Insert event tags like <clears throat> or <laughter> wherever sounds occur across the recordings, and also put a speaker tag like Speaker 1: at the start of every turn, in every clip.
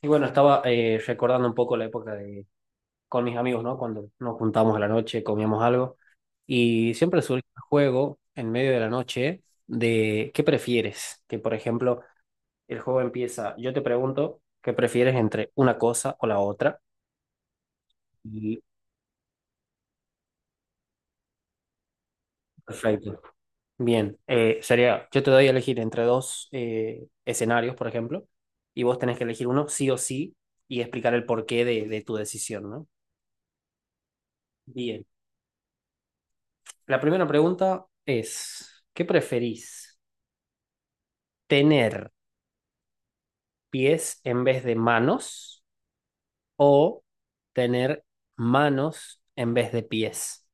Speaker 1: Y bueno, estaba recordando un poco la época de, con mis amigos, ¿no? Cuando nos juntábamos a la noche, comíamos algo. Y siempre surge el juego en medio de la noche de ¿qué prefieres? Que, por ejemplo, el juego empieza, yo te pregunto, ¿qué prefieres entre una cosa o la otra? Y perfecto. Bien, sería, yo te doy a elegir entre dos escenarios, por ejemplo, y vos tenés que elegir uno sí o sí y explicar el porqué de tu decisión, ¿no? Bien. La primera pregunta es, ¿qué preferís? ¿Tener pies en vez de manos o tener manos en vez de pies?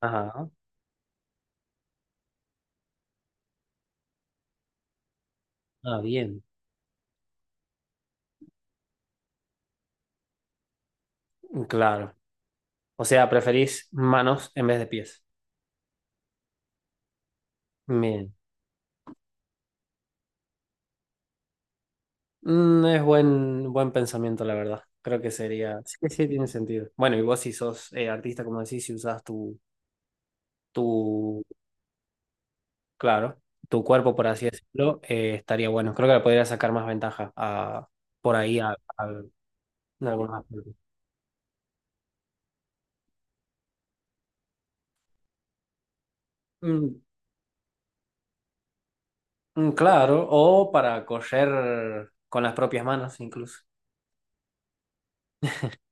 Speaker 1: Ajá. Ah, bien. Claro. O sea, preferís manos en vez de pies. Bien. Mm, es buen pensamiento, la verdad. Creo que sería. Sí, sí, tiene sentido. Bueno, y vos si sos artista, como decís, si usás tu, claro, tu cuerpo, por así decirlo, estaría bueno. Creo que le podría sacar más ventaja a, por ahí a, a- en algunos aspectos. Mm, claro, o para coser con las propias manos incluso.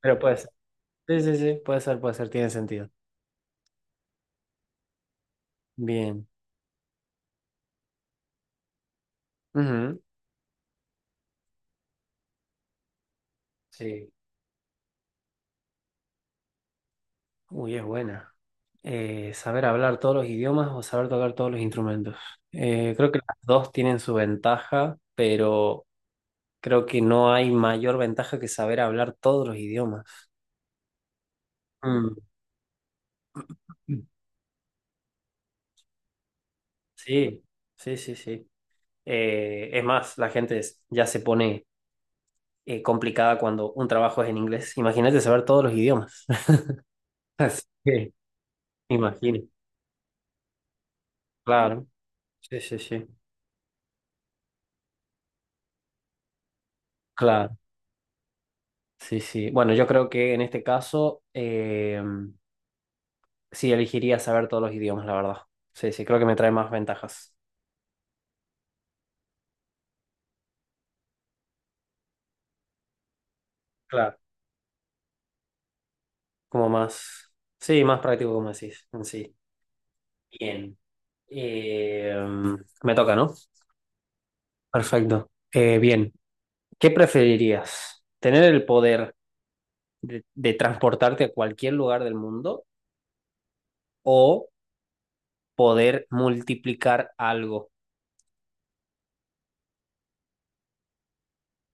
Speaker 1: Pero puede ser. Sí, sí, sí, puede ser, tiene sentido. Bien. Ujú. Sí. Uy, es buena. Saber hablar todos los idiomas o saber tocar todos los instrumentos. Creo que las dos tienen su ventaja, pero creo que no hay mayor ventaja que saber hablar todos los idiomas. Mm. Sí, sí, sí, sí. Es más, la gente ya se pone complicada cuando un trabajo es en inglés. Imagínate saber todos los idiomas. <laughs> Así que, imagino. Claro. Sí, sí, sí. Claro. Sí, sí. Bueno, yo creo que en este caso sí elegiría saber todos los idiomas, la verdad. Sí, sí, creo que me trae más ventajas. Claro. Como más. Sí, más práctico, como decís, en sí. Bien. Eh, Me toca, ¿no? Perfecto. Bien. ¿Qué preferirías? ¿Tener el poder de transportarte a cualquier lugar del mundo o poder multiplicar algo?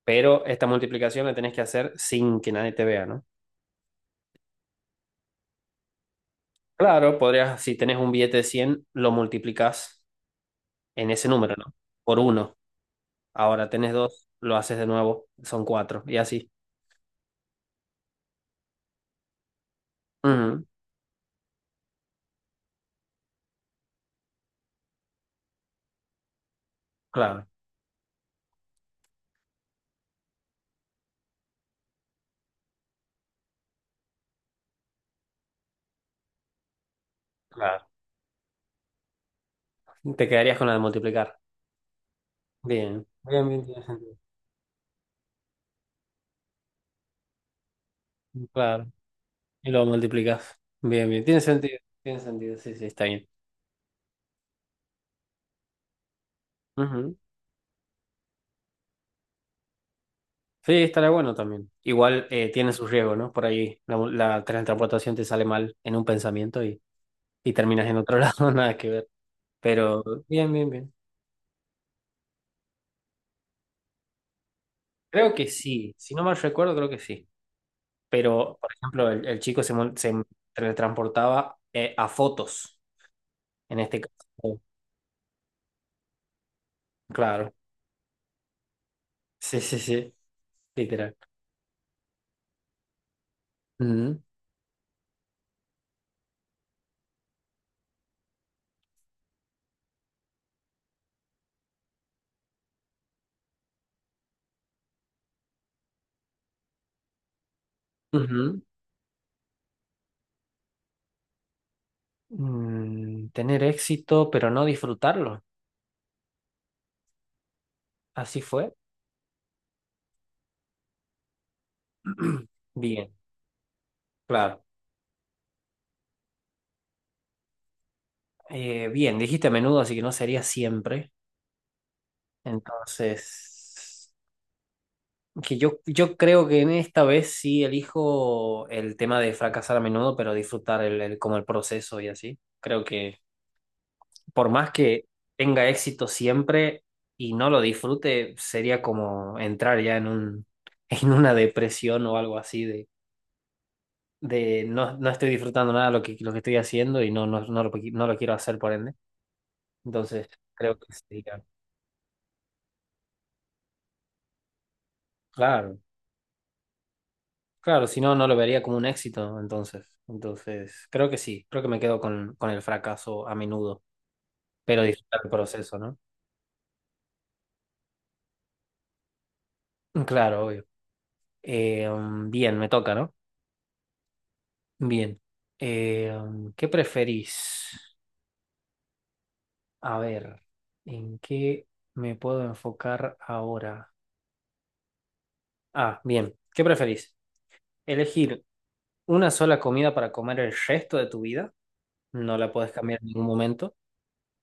Speaker 1: Pero esta multiplicación la tenés que hacer sin que nadie te vea, ¿no? Claro, podrías, si tenés un billete de 100, lo multiplicas en ese número, ¿no? Por uno. Ahora tenés dos, lo haces de nuevo, son cuatro, y así. Ujú, claro, claro. Te quedarías con la de multiplicar. Bien. Bien, bien, tiene sentido. Claro. Y lo multiplicas. Bien, bien. Tiene sentido. Tiene sentido. Sí, sí, está bien. Ujú. Sí, estará bueno también. Igual tiene su riesgo, ¿no? Por ahí la transportación te sale mal en un pensamiento y terminas en otro <laughs> lado, nada que ver. Pero bien, bien, bien. Creo que sí. Si no mal recuerdo, creo que sí. Pero, por ejemplo, el chico se teletransportaba a fotos, en este caso. Claro. Sí, sí, sí. Literal. Ujú. Ujú. Tener éxito, pero no disfrutarlo. Así fue. <clears throat> Bien, claro. Bien, dijiste a menudo, así que no sería siempre. Entonces, que yo creo que en esta vez sí elijo el tema de fracasar a menudo, pero disfrutar como el proceso y así. Creo que por más que tenga éxito siempre y no lo disfrute, sería como entrar ya en un, <laughs> en una depresión o algo así de no, no estoy disfrutando nada lo que, lo que estoy haciendo y no lo quiero hacer por ende. Entonces, creo que sí, claro. Claro, claro, si no, no lo vería como un éxito, entonces. Entonces, creo que sí, creo que me quedo con el fracaso a menudo, pero disfrutar el proceso, ¿no? Mm, claro, obvio. Bien, me toca, ¿no? Bien. ¿Qué preferís? A ver, ¿en qué me puedo enfocar ahora? Ah, bien. ¿Qué preferís? ¿Elegir una sola comida para comer el resto de tu vida? No la puedes cambiar en ningún momento,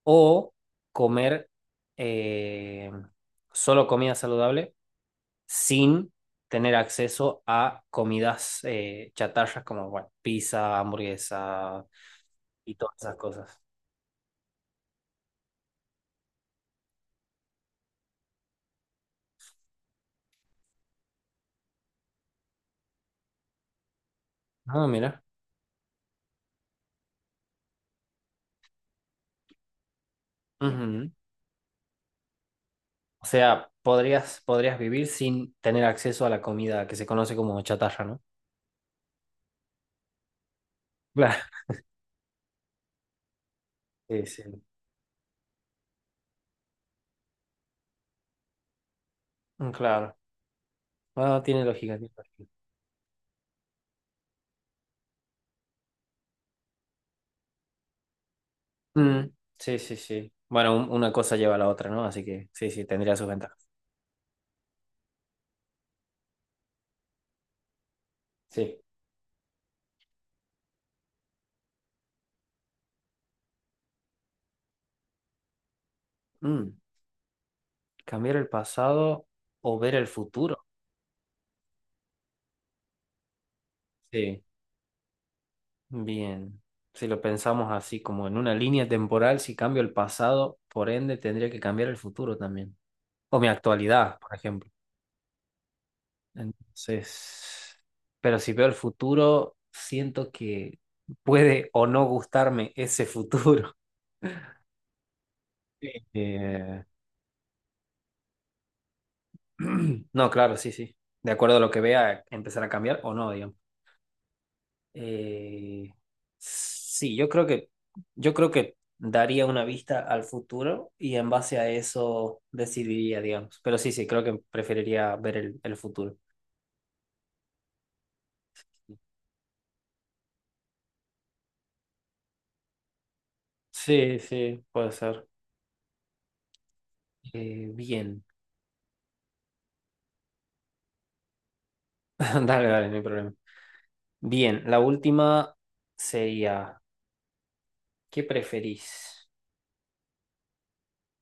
Speaker 1: o comer eh, solo comida saludable sin tener acceso a comidas chatarras como bueno, pizza, hamburguesa y todas esas cosas. Ah, mira. Ujú. O sea, podrías vivir sin tener acceso a la comida que se conoce como chatarra, ¿no? Claro. Sí, sí. Mm, claro. Ah, tiene lógica, tiene lógica. Mm, sí, sí, sí. Bueno, una cosa lleva a la otra, ¿no? Así que sí, sí, tendría sus ventajas. Sí. Mm. ¿Cambiar el pasado o ver el futuro? Sí. Bien, si lo pensamos así, como en una línea temporal, si cambio el pasado, por ende tendría que cambiar el futuro también. O mi actualidad, por ejemplo. Entonces, pero si veo el futuro, siento que puede o no gustarme ese futuro. Sí. <clears throat> No, claro, sí, sí. De acuerdo a lo que vea, empezar a cambiar o no, digamos. Eh, sí, yo creo que daría una vista al futuro y en base a eso decidiría, digamos. Pero sí, sí, creo que preferiría ver el futuro. Sí, sí, puede ser. Bien, <laughs> dale, dale, no hay problema. Bien, la última sería, ¿qué preferís?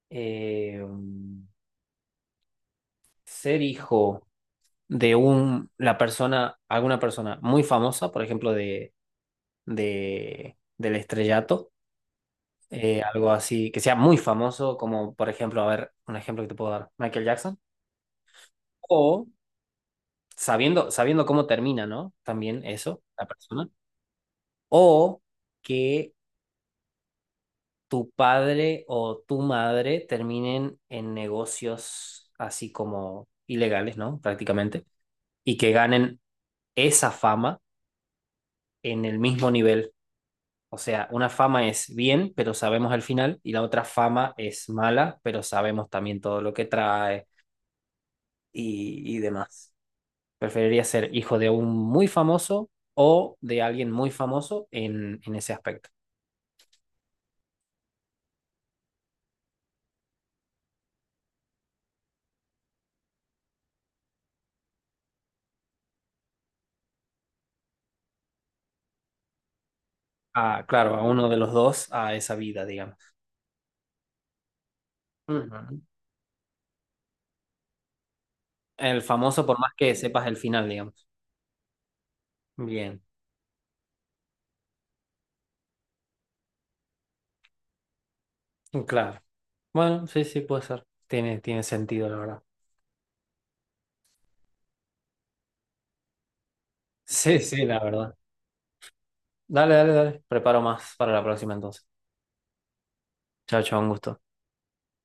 Speaker 1: Eh, mm, Ser hijo de la persona, alguna persona muy famosa, por ejemplo, del estrellato. Algo así, que sea muy famoso, como por ejemplo, a ver, un ejemplo que te puedo dar, Michael Jackson, o sabiendo cómo termina, ¿no? También eso, la persona, o que tu padre o tu madre terminen en negocios así como ilegales, ¿no? Prácticamente, y que ganen esa fama en el mismo nivel. O sea, una fama es bien, pero sabemos el final, y la otra fama es mala, pero sabemos también todo lo que trae y demás. Preferiría ser hijo de un muy famoso o de alguien muy famoso en ese aspecto. Ah, claro, a uno de los dos, a esa vida, digamos. Ujú. El famoso, por más que sepas el final, digamos. Bien, claro. Bueno, sí, sí, puede ser. Tiene sentido, la verdad. <laughs> Sí, sí, la verdad. Dale, dale, dale. Preparo más para la próxima entonces. Chao, chao, un gusto.